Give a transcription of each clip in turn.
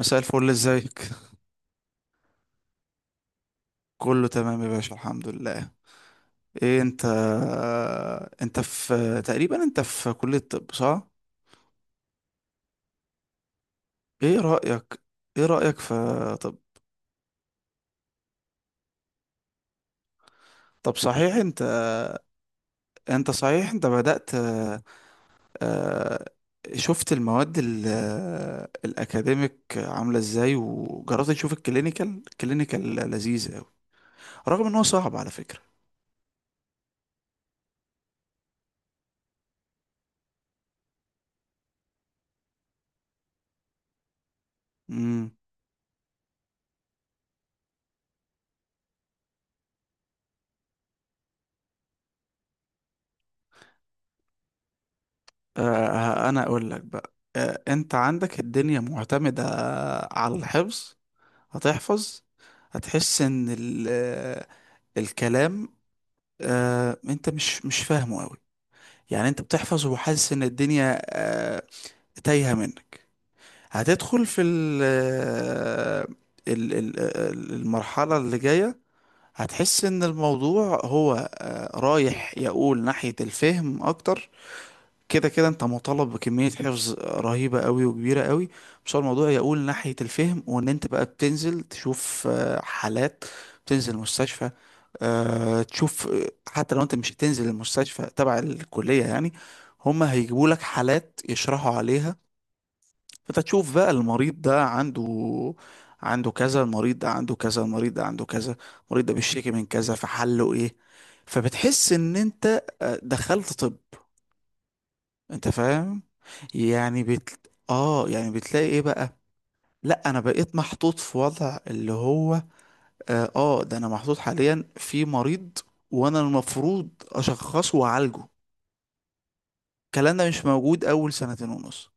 مساء الفل، ازيك؟ كله تمام يا باشا، الحمد لله. ايه انت في تقريبا، انت في كلية طب صح؟ ايه رأيك ايه رأيك في طب طب صحيح انت صحيح انت بدأت، آه، شفت المواد الاكاديميك عاملة ازاي؟ وجربت تشوف الكلينيكال؟ الكلينيكال لذيذ قوي رغم ان هو صعب على فكرة. امم انا اقول لك بقى، انت عندك الدنيا معتمدة على الحفظ. هتحفظ، هتحس ان الكلام انت مش فاهمه قوي. يعني انت بتحفظ وحاسس ان الدنيا تايهه منك. هتدخل في ال آه، ال- ال- ال- المرحله اللي جايه، هتحس ان الموضوع هو رايح يقول ناحيه الفهم اكتر. كده كده انت مطالب بكمية حفظ رهيبة قوي وكبيرة قوي، بس هو الموضوع يقول ناحية الفهم، وان انت بقى بتنزل تشوف حالات، بتنزل مستشفى، تشوف، حتى لو انت مش هتنزل المستشفى تبع الكلية يعني، هما هيجيبوا لك حالات يشرحوا عليها. فانت تشوف بقى المريض ده عنده كذا، المريض ده عنده كذا، المريض ده عنده كذا، المريض ده بيشتكي من كذا، فحله ايه. فبتحس ان انت دخلت طب. انت فاهم؟ يعني بت... اه يعني بتلاقي ايه بقى. لا انا بقيت محطوط في وضع اللي هو ده، انا محطوط حاليا في مريض وانا المفروض اشخصه واعالجه. الكلام ده مش موجود اول 2 سنين ونص،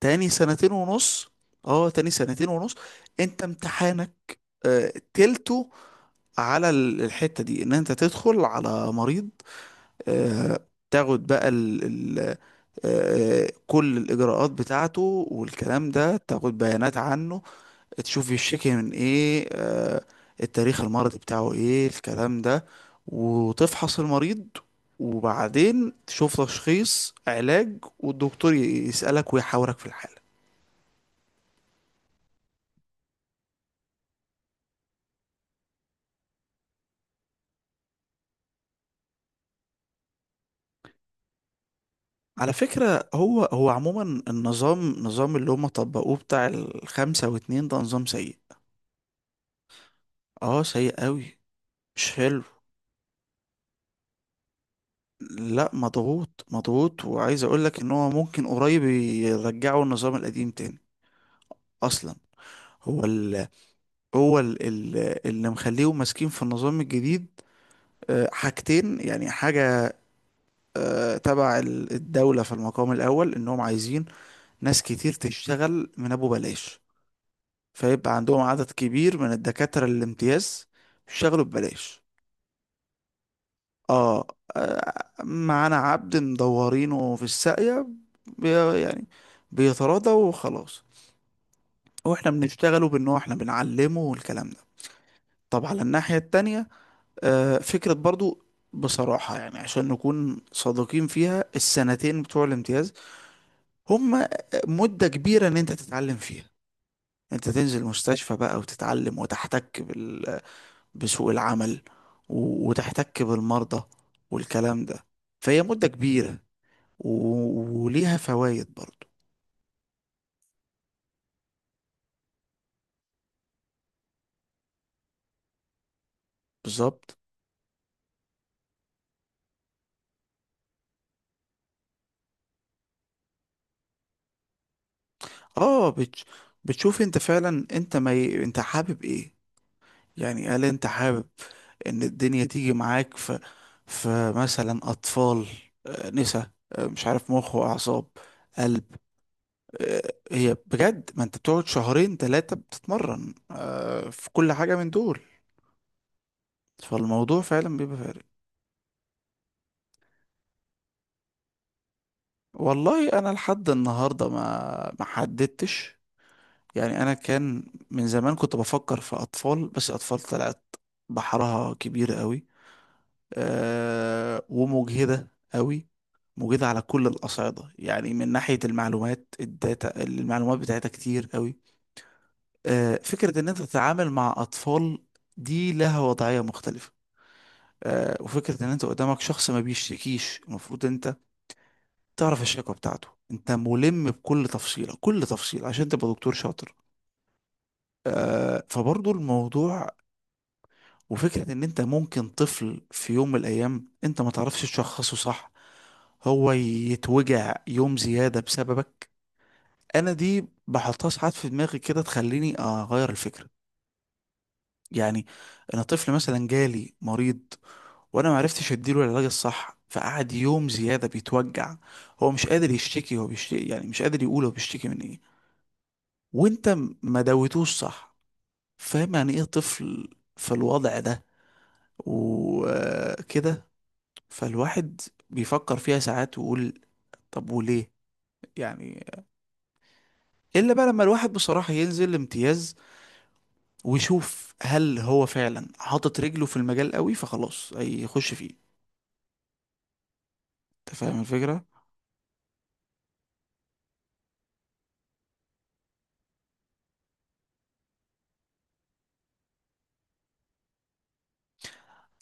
تاني 2 سنين ونص. اه تاني 2 سنين ونص انت امتحانك آه تلته على الحتة دي، ان انت تدخل على مريض، آه، تاخد بقى ال ال آه، آه، كل الإجراءات بتاعته والكلام ده، تاخد بيانات عنه، تشوف يشتكي من إيه، التاريخ المرضي بتاعه إيه، الكلام ده، وتفحص المريض، وبعدين تشوف تشخيص علاج، والدكتور يسألك ويحاورك في الحالة. على فكرة هو هو عموما النظام، نظام اللي هم طبقوه بتاع الـ 5 و 2 ده نظام سيء. اه سيء قوي، مش حلو. لا مضغوط مضغوط، وعايز اقول لك ان هو ممكن قريب يرجعوا النظام القديم تاني اصلا. هو ال هو ال ال اللي مخليهم ماسكين في النظام الجديد حاجتين، يعني حاجة تبع الدولة، في المقام الأول إنهم عايزين ناس كتير تشتغل من أبو بلاش، فيبقى عندهم عدد كبير من الدكاترة الامتياز يشتغلوا ببلاش. اه معانا عبد مدورينه في الساقية، بي يعني بيتراضى وخلاص، واحنا بنشتغله بان هو احنا بنعلمه والكلام ده. طب على الناحية التانية، فكرة برضو، بصراحة يعني عشان نكون صادقين فيها، السنتين بتوع الامتياز هم مدة كبيرة ان انت تتعلم فيها، انت تنزل مستشفى بقى وتتعلم، وتحتك بسوق العمل، وتحتك بالمرضى والكلام ده. فهي مدة كبيرة، وليها فوائد برضو. بالظبط. اه بتش... بتشوف انت فعلا انت ما ي... انت حابب ايه. يعني هل انت حابب ان الدنيا تيجي معاك في، في مثلا اطفال، نسا، مش عارف، مخ واعصاب، قلب، هي بجد ما انت بتقعد 2 3 شهور بتتمرن في كل حاجة من دول. فالموضوع فعلا بيبقى فارق. والله انا لحد النهاردة ما حددتش، يعني انا كان من زمان كنت بفكر في اطفال، بس اطفال طلعت بحرها كبير قوي، أه، ومجهدة قوي، مجهدة على كل الأصعدة يعني، من ناحية المعلومات، الداتا، المعلومات بتاعتها كتير قوي. أه فكرة ان انت تتعامل مع اطفال دي لها وضعية مختلفة. أه وفكرة ان انت قدامك شخص ما بيشتكيش، المفروض انت تعرف الشكوى بتاعته، انت ملم بكل تفصيلة، كل تفصيلة عشان تبقى دكتور شاطر. فبرضو الموضوع، وفكرة ان انت ممكن طفل في يوم من الايام انت ما تعرفش تشخصه صح، هو يتوجع يوم زيادة بسببك. انا دي بحطها ساعات في دماغي كده تخليني اغير الفكرة. يعني انا طفل مثلا جالي مريض، وانا ما عرفتش اديله العلاج الصح، فقعد يوم زيادة بيتوجع، هو مش قادر يشتكي، هو بيشتكي يعني مش قادر يقول هو بيشتكي من ايه، وانت ما دويتوش صح. فاهم يعني ايه طفل في الوضع ده وكده. فالواحد بيفكر فيها ساعات ويقول طب وليه. يعني الا بقى لما الواحد بصراحة ينزل امتياز ويشوف هل هو فعلا حاطط رجله في المجال قوي، فخلاص هيخش فيه. انت فاهم الفكرة.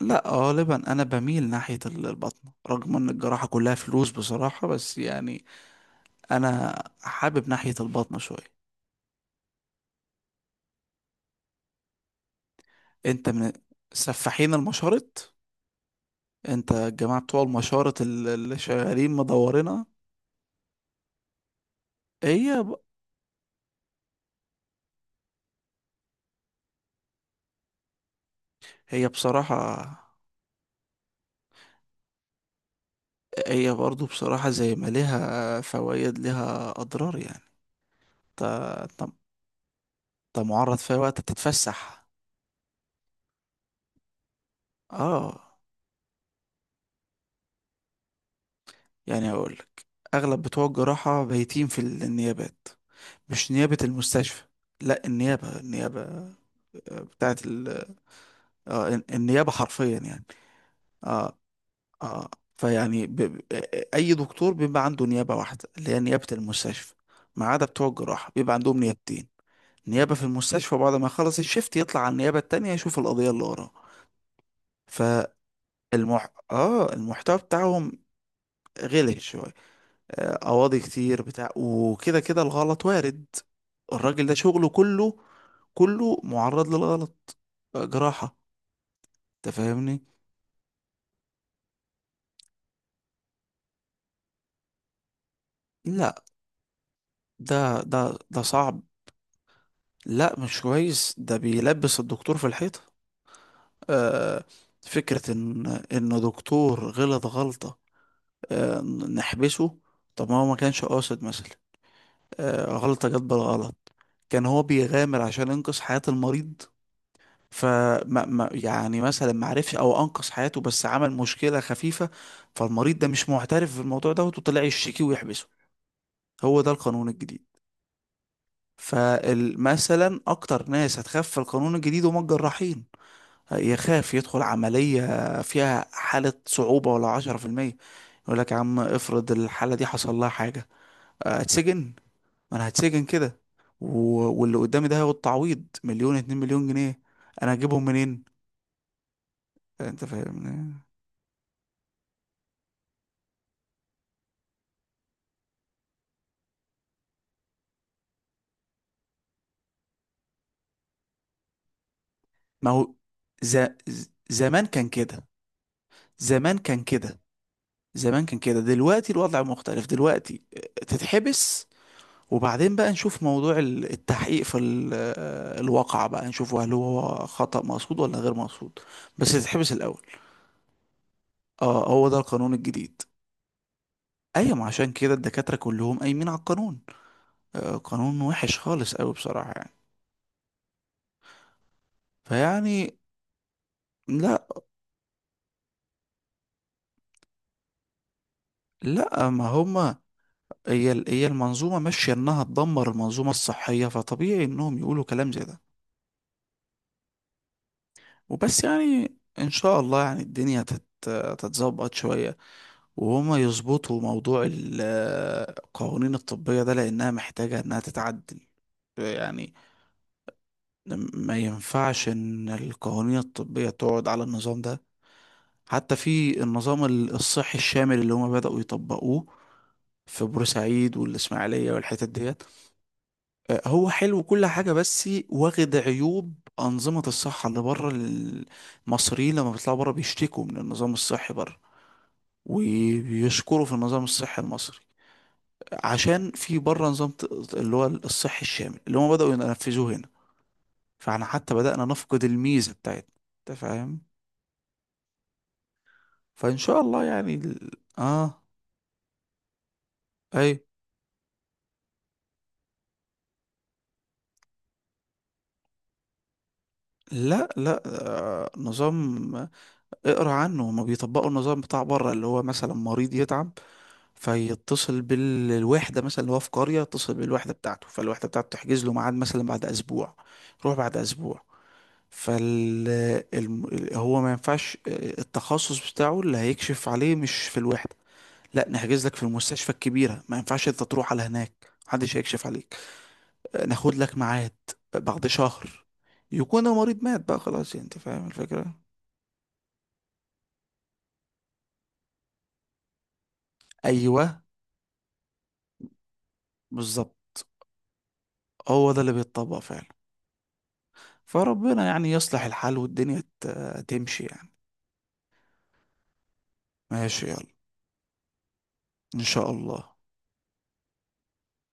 لا غالبا انا بميل ناحية البطنة، رغم ان الجراحة كلها فلوس بصراحة، بس يعني انا حابب ناحية البطنة شوية. انت من سفاحين المشارط، انت الجماعة بتوع المشارط اللي شغالين مدورنا. هي ب... هي بصراحة، هي برضو بصراحة زي ما ليها فوائد ليها أضرار يعني. انت انت انت معرض في أي وقت تتفسح. اه يعني أقولك، أغلب بتوع الجراحة بايتين في النيابات، مش نيابة المستشفى. لا النيابة، النيابة، بتاعت آه النيابة حرفيا يعني. اه اه فيعني ب... ب- أي دكتور بيبقى عنده نيابة واحدة، اللي هي نيابة المستشفى، ما عدا بتوع الجراحة بيبقى عندهم نيابتين، نيابة في المستشفى بعد ما يخلص الشيفت يطلع على النيابة التانية يشوف القضية اللي وراه. فالمح اه المحتوى بتاعهم غلط شوية، قواضي كتير بتاع وكده كده الغلط وارد، الراجل ده شغله كله، كله معرض للغلط، جراحة. انت فاهمني. لا ده صعب. لا مش كويس، ده بيلبس الدكتور في الحيطة. آه فكرة ان، ان دكتور غلط غلطة، آه، نحبسه. طب ما هو ما كانش قاصد مثلا، غلطة جت بالغلط، كان هو بيغامر عشان ينقذ حياة المريض، فما ما يعني مثلا ما عرفش او انقذ حياته بس عمل مشكلة خفيفة، فالمريض ده مش معترف بالموضوع ده وطلع يشتكي ويحبسه. هو ده القانون الجديد. فمثلا اكتر ناس هتخاف في القانون الجديد هم الجراحين، يخاف يدخل عملية فيها حالة صعوبة ولا 10%، يقول لك يا عم افرض الحالة دي حصل لها حاجة، اتسجن، ما انا هتسجن كده، و... واللي قدامي ده هياخد تعويض 1 2 مليون جنيه، انا هجيبهم منين. انت فاهم. ما هو ز... زمان كان كده، زمان كان كده زمان كان كده، دلوقتي الوضع مختلف. دلوقتي تتحبس، وبعدين بقى نشوف موضوع التحقيق في الواقع بقى، نشوف هل هو خطأ مقصود ولا غير مقصود. بس تتحبس الأول. اه هو ده القانون الجديد. ايوه، ما عشان كده الدكاترة كلهم قايمين على القانون، قانون وحش خالص قوي بصراحة يعني. فيعني لا لا ما هما، هي المنظومة ماشية انها تدمر المنظومة الصحية، فطبيعي انهم يقولوا كلام زي ده. وبس يعني ان شاء الله يعني الدنيا تتظبط شوية، وهما يظبطوا موضوع القوانين الطبية ده، لأنها محتاجة إنها تتعدل يعني. ما ينفعش إن القوانين الطبية تقعد على النظام ده، حتى في النظام الصحي الشامل اللي هما بدأوا يطبقوه في بورسعيد والإسماعيلية والحتت ديت، هو حلو كل حاجة بس واخد عيوب أنظمة الصحة اللي بره. المصريين لما بيطلعوا بره بيشتكوا من النظام الصحي بره، وبيشكروا في النظام الصحي المصري، عشان في بره نظام اللي هو الصحي الشامل اللي هم بدأوا ينفذوه هنا، فاحنا حتى بدأنا نفقد الميزة بتاعتنا. انت فاهم. فإن شاء الله يعني ال- اه اي لا لا آه نظام، اقرا عنه، هما بيطبقوا النظام بتاع بره، اللي هو مثلا مريض يتعب فيتصل بالوحدة مثلا اللي هو في قرية، يتصل بالوحدة بتاعته فالوحدة بتاعته تحجز له ميعاد مثلا بعد أسبوع، روح بعد أسبوع. فال هو ما ينفعش التخصص بتاعه اللي هيكشف عليه مش في الوحدة، لا نحجز لك في المستشفى الكبيرة، ما ينفعش انت تروح على هناك محدش هيكشف عليك، ناخد لك ميعاد بعد شهر، يكون المريض مات بقى خلاص. يعني انت فاهم الفكرة. ايوه بالظبط، هو ده اللي بيتطبق فعلا. فربنا يعني يصلح الحال والدنيا تمشي يعني. ماشي يلا، إن شاء الله.